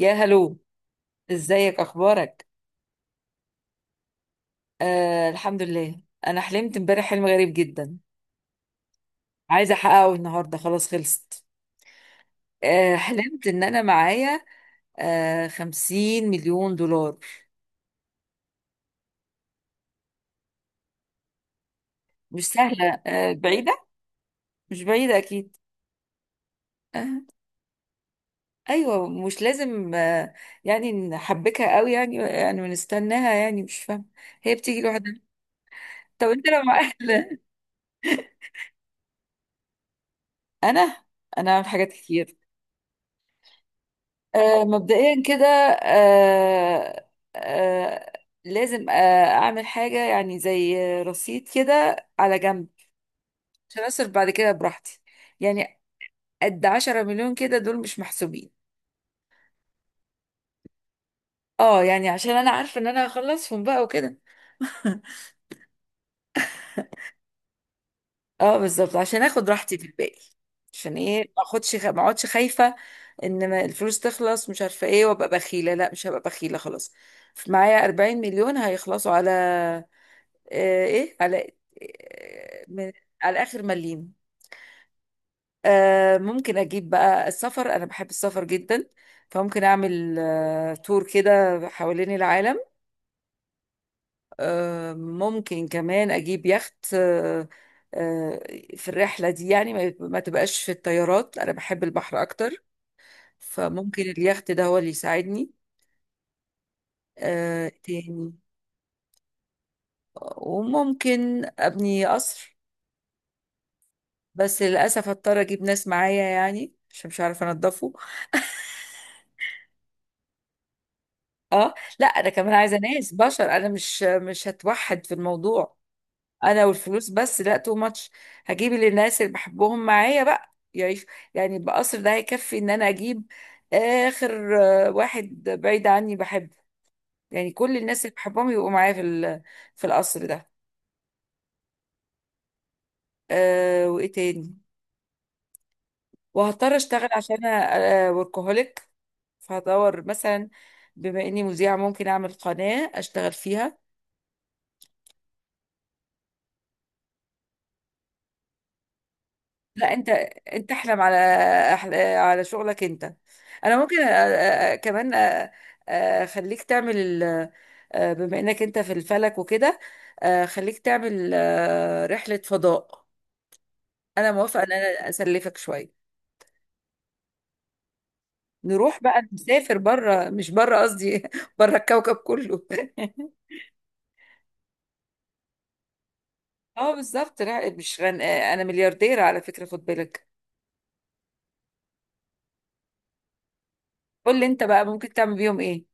يا هلو، ازيك، اخبارك؟ آه، الحمد لله. انا حلمت امبارح حلم غريب جدا، عايزه احققه النهارده. خلاص خلصت. حلمت ان انا معايا 50 مليون دولار. مش سهله، بعيده. مش بعيده اكيد. آه. ايوه، مش لازم يعني نحبكها قوي، يعني ونستناها، يعني مش فاهمه. هي بتيجي لوحدها. طب انت لو معاك انا انا عامل حاجات كتير. مبدئيا كده. آه، آه، لازم اعمل حاجة يعني زي رصيد كده على جنب، عشان اصرف بعد كده براحتي. يعني قد 10 مليون كده دول مش محسوبين. اه يعني عشان انا عارفة ان انا هخلصهم بقى وكده. اه بالظبط، عشان اخد راحتي في الباقي. عشان ايه ما اخدش ما اقعدش خايفة ان ما الفلوس تخلص، مش عارفة ايه، وابقى بخيلة. لا، مش هبقى بخيلة خلاص. معايا 40 مليون هيخلصوا على آه، ايه على آه، من على اخر مليم. ممكن اجيب بقى السفر، انا بحب السفر جدا، فممكن اعمل تور كده حوالين العالم. ممكن كمان اجيب يخت آه، في الرحله دي، يعني ما تبقاش في الطيارات، انا بحب البحر اكتر، فممكن اليخت ده هو اللي يساعدني. تاني. وممكن ابني قصر، بس للاسف هضطر اجيب ناس معايا يعني عشان مش عارفه انضفه. اه لا، انا كمان عايزه ناس بشر، انا مش هتوحد في الموضوع. انا والفلوس بس، لا تو ماتش. هجيب اللي الناس اللي بحبهم معايا بقى يعيش. يعني بقصر ده هيكفي ان انا اجيب اخر واحد بعيد عني بحبه، يعني كل الناس اللي بحبهم يبقوا معايا في في القصر ده. أه، وايه تاني؟ وهضطر اشتغل عشان انا وركهوليك. فهدور مثلا، بما اني مذيعه، ممكن اعمل قناه اشتغل فيها. لا انت، احلم على على شغلك انت. انا ممكن أ... أ- كمان أ- أ- اخليك تعمل ال... بما انك انت في الفلك وكده، خليك تعمل رحلة فضاء. انا موافقة ان انا اسلفك شوية. نروح بقى نسافر بره، مش بره قصدي بره الكوكب كله اه بالظبط، لا مش غن... انا مليارديرة على فكرة، خد بالك. قول لي انت بقى، ممكن تعمل بيهم ايه؟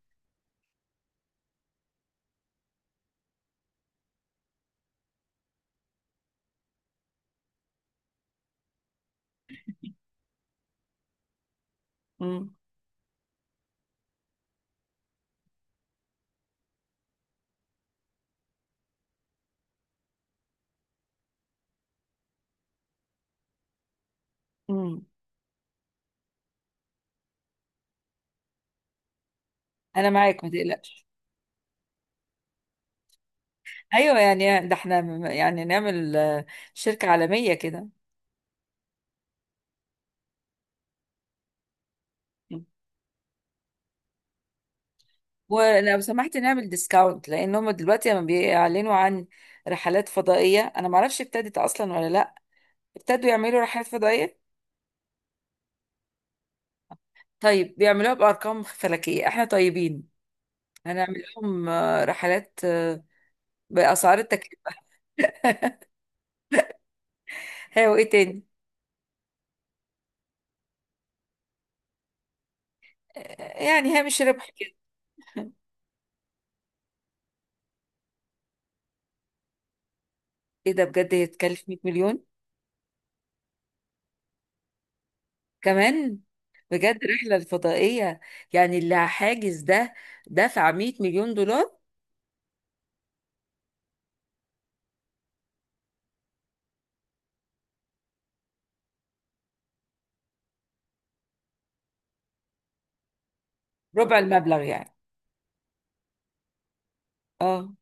امم امم انا معاك ما تقلقش. ايوه، يعني ده احنا يعني نعمل شركة عالمية كده. ولو سمحت نعمل ديسكاونت، لان هم دلوقتي لما بيعلنوا عن رحلات فضائية، انا معرفش ابتدت اصلا ولا لا. ابتدوا يعملوا رحلات فضائية؟ طيب بيعملوها بارقام فلكية، احنا طيبين، هنعمل لهم رحلات باسعار التكلفة. هي وايه تاني؟ يعني هامش ربح كده. ايه ده، بجد هيتكلف 100 مليون كمان؟ بجد رحلة الفضائية، يعني اللي حاجز ده دفع 100 مليون دولار؟ ربع المبلغ يعني. اه،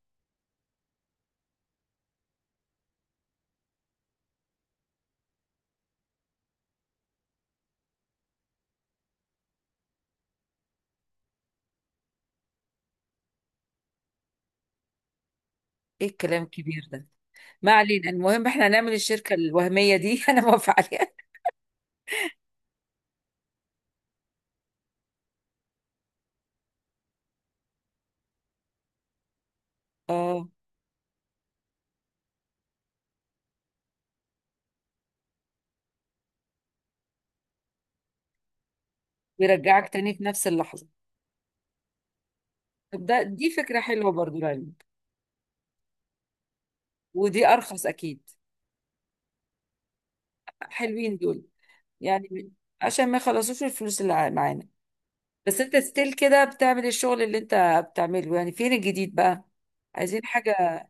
ايه الكلام الكبير ده. ما علينا، المهم احنا هنعمل الشركة الوهمية دي انا موافقة عليها. اه، بيرجعك تاني في نفس اللحظة؟ طب ده، دي فكرة حلوة برضو لعلمك. ودي ارخص اكيد. حلوين دول. يعني عشان ما يخلصوش الفلوس اللي معانا. بس انت ستيل كده بتعمل الشغل اللي انت بتعمله، يعني فين الجديد بقى؟ عايزين حاجة.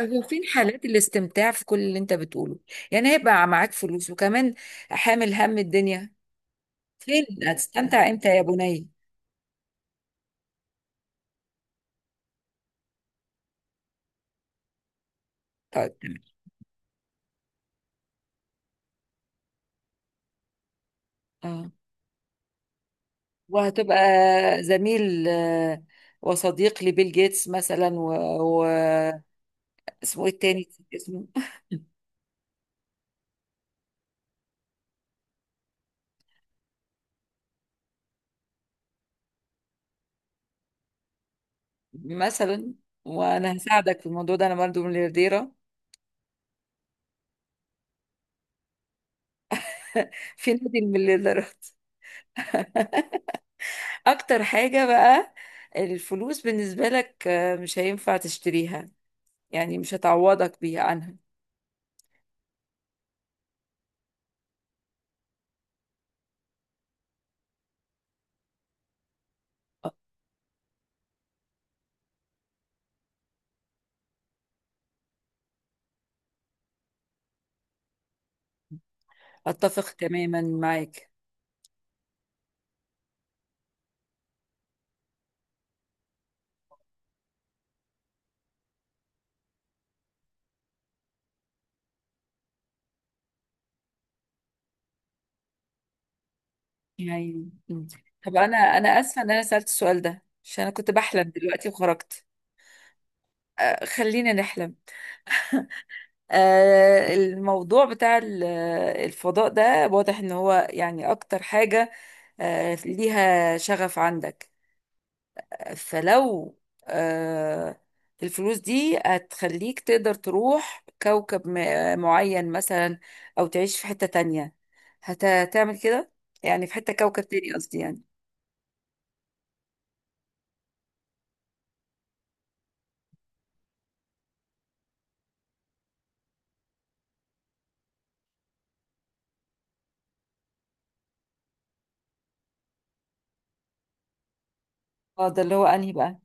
هو فين حالات الاستمتاع في كل اللي انت بتقوله؟ يعني هيبقى معاك فلوس وكمان حامل هم الدنيا. فين هتستمتع امتى يا بني؟ طيب تمام. اه، وهتبقى زميل وصديق لبيل جيتس مثلا و... اسمه ايه التاني؟ اسمه مثلا. وانا هساعدك في الموضوع ده، انا برضه مليارديره في نادي المليارديرات. اكتر حاجه بقى، الفلوس بالنسبه لك مش هينفع تشتريها، يعني مش هتعوضك بيها عنها. اتفق تماما معاك. يعني مم. طب انا، اسفه ان انا سالت السؤال ده، عشان انا كنت بحلم دلوقتي وخرجت. خلينا نحلم. الموضوع بتاع الفضاء ده واضح ان هو يعني اكتر حاجه ليها شغف عندك. فلو آه، الفلوس دي هتخليك تقدر تروح كوكب معين مثلا، أو تعيش في حتة تانية، هتعمل كده؟ يعني في حتة كوكب تاني قصدي يعني. اه، ده اللي هو أنهي بقى؟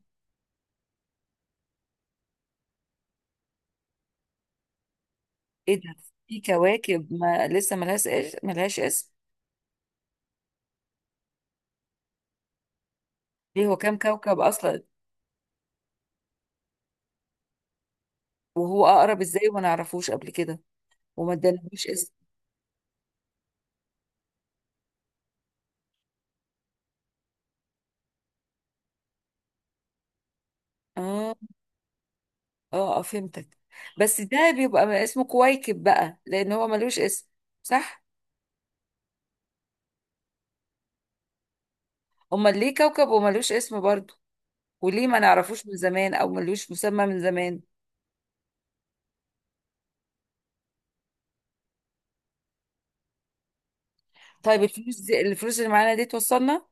ايه ده، في كواكب ما لسه ملهاش ملهاش اسم؟ ليه، هو كام كوكب أصلا؟ وهو أقرب ازاي وما نعرفوش قبل كده وما ادالهوش اسم؟ اه اه، فهمتك. بس ده بيبقى اسمه كويكب بقى، لأن هو ملوش اسم، صح؟ امال ليه كوكب وملوش اسم برضه؟ وليه ما نعرفوش من زمان او ملوش مسمى من زمان؟ طيب الفلوس دي، الفلوس اللي معانا دي توصلنا؟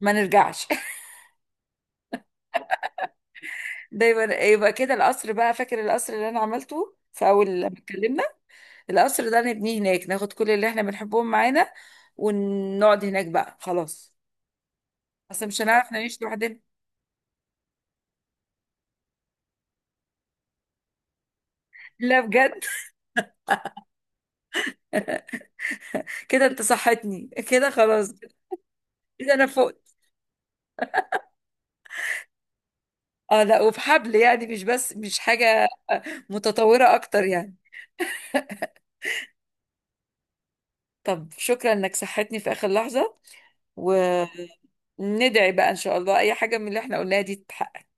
ما نرجعش. ده يبقى كده القصر بقى، فاكر القصر اللي انا عملته في اول لما اتكلمنا؟ القصر ده نبنيه هناك، ناخد كل اللي احنا بنحبهم معانا، ونقعد هناك بقى خلاص. اصل مش هنعرف نعيش لوحدنا. لا بجد، كده انت صحتني كده خلاص. كده انا فقت. اه لا، وبحبل يعني، مش بس مش حاجة متطورة اكتر يعني. طب شكرا انك صحتني في اخر لحظة. وندعي بقى ان شاء الله اي حاجة من اللي احنا قلناها دي تتحقق.